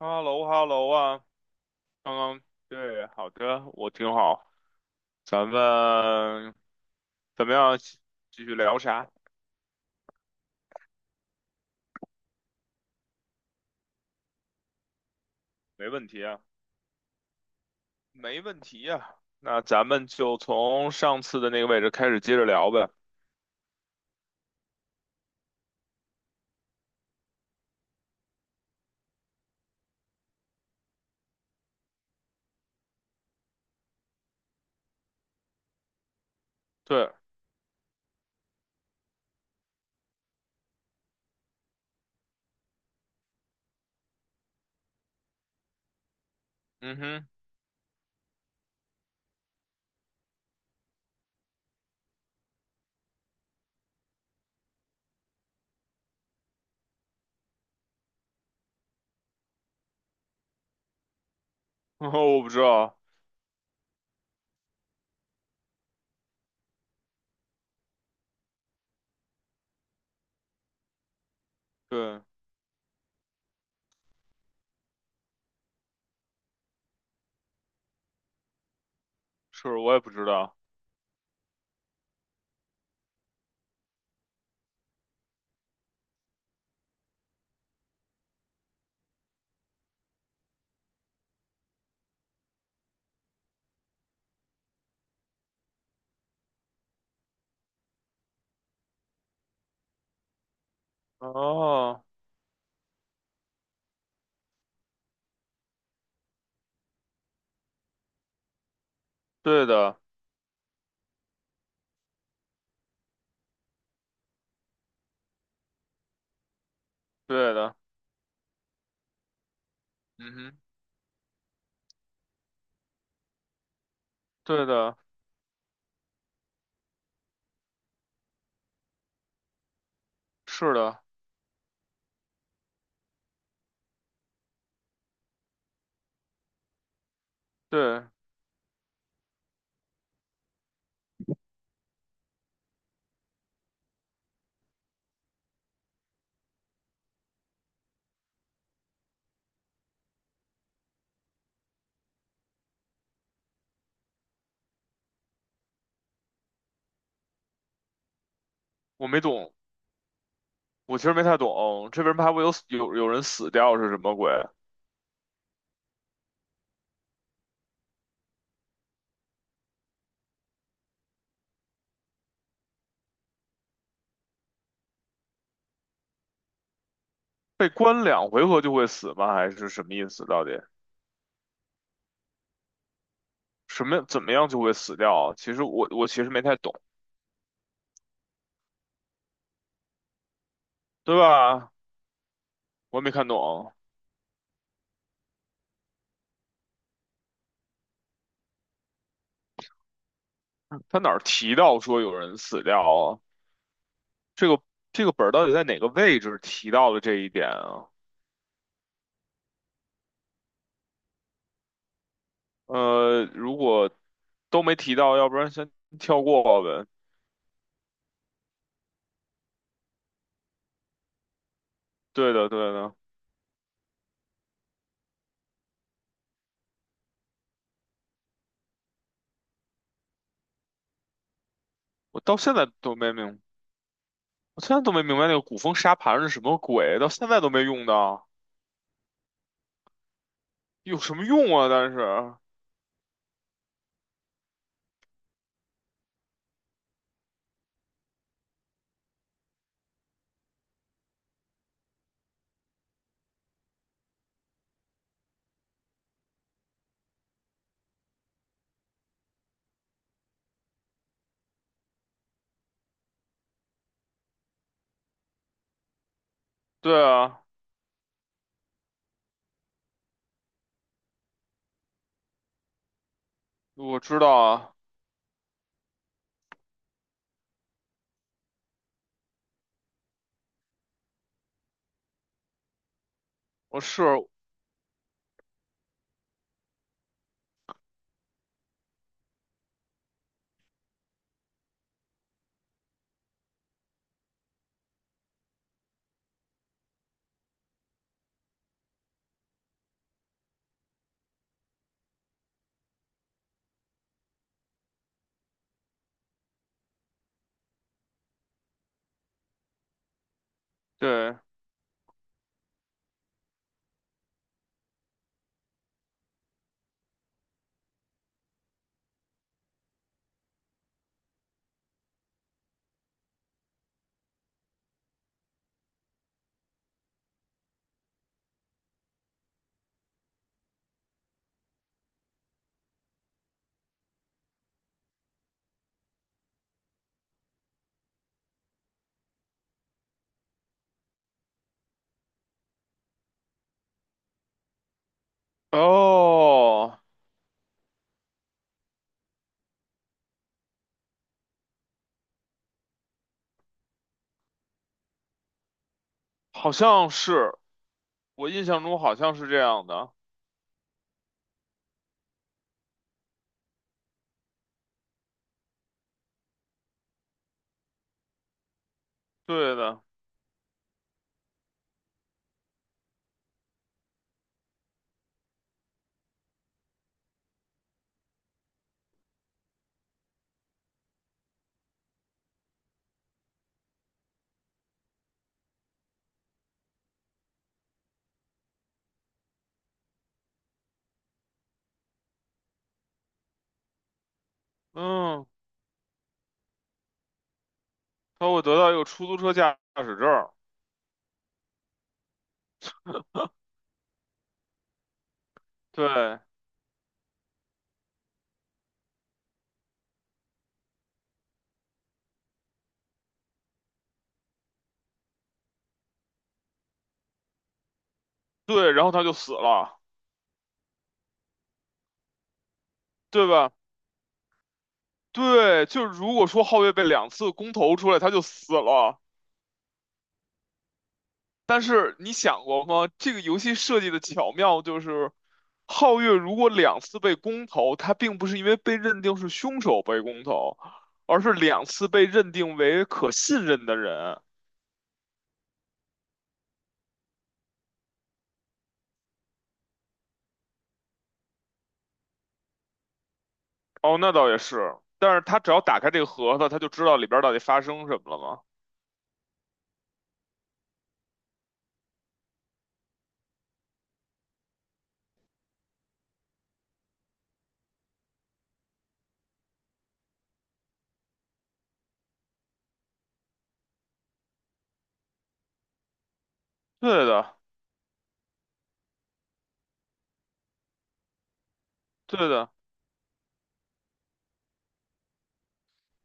h e l l o h e l l o 啊，刚刚对，好的，我挺好。咱们怎么样？继续聊啥？没问题啊，没问题呀、那咱们就从上次的那个位置开始接着聊呗。对，嗯哼，我不知道，对，是我也不知道。哦，对的，对的，嗯哼，对的，是的，对，我没懂，我其实没太懂，这边什么还会有人死掉是什么鬼？被关两回合就会死吗？还是什么意思？到底什么怎么样就会死掉啊？其实我其实没太懂，对吧？我也没看懂，他哪儿提到说有人死掉啊？这个这个本儿到底在哪个位置提到了这一点啊？如果都没提到，要不然先跳过呗。对的，对的，我到现在都没明，我现在都没明白那个古风沙盘是什么鬼，到现在都没用到，有什么用啊？但是，对啊，我知道啊。我是对哦，好像是，我印象中好像是这样的，对的，嗯，他会得到一个出租车驾驶证儿对对，然后他就死了，对吧？对，就如果说皓月被两次公投出来，他就死了。但是你想过吗？这个游戏设计的巧妙就是，皓月如果两次被公投，他并不是因为被认定是凶手被公投，而是两次被认定为可信任的人。哦，那倒也是，但是他只要打开这个盒子，他就知道里边儿到底发生什么了吗？对的，对的，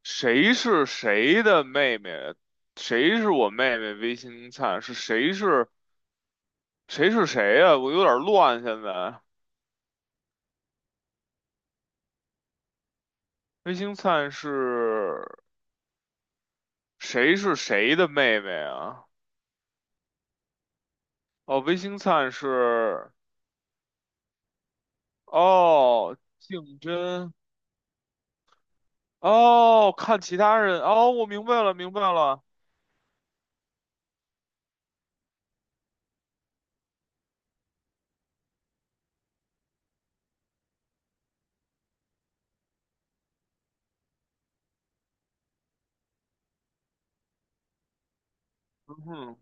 谁是谁的妹妹？谁是我妹妹？微星灿是谁呀、我有点乱，现在。魏星灿是谁是谁的妹妹啊？哦，魏星灿是哦，竞争哦，看其他人哦，我明白了，明白了，嗯哼，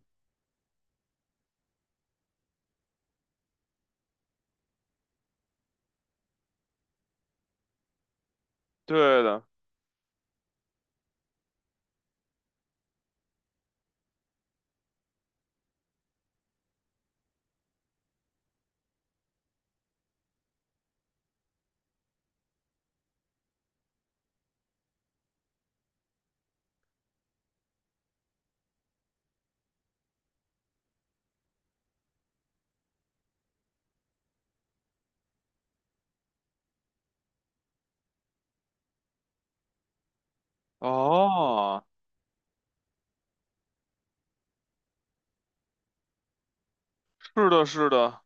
对的，哦，是的，是的，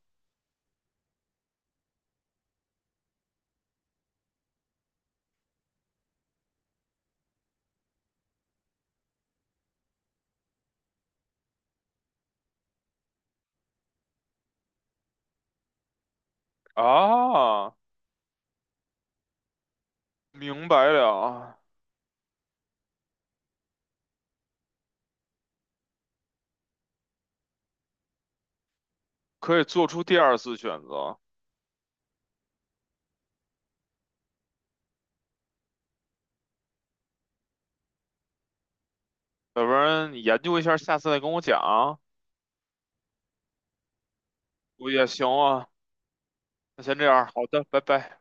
啊，明白了，可以做出第二次选择，要不然你研究一下，下次再跟我讲啊，我也行啊，那先这样，好的，拜拜。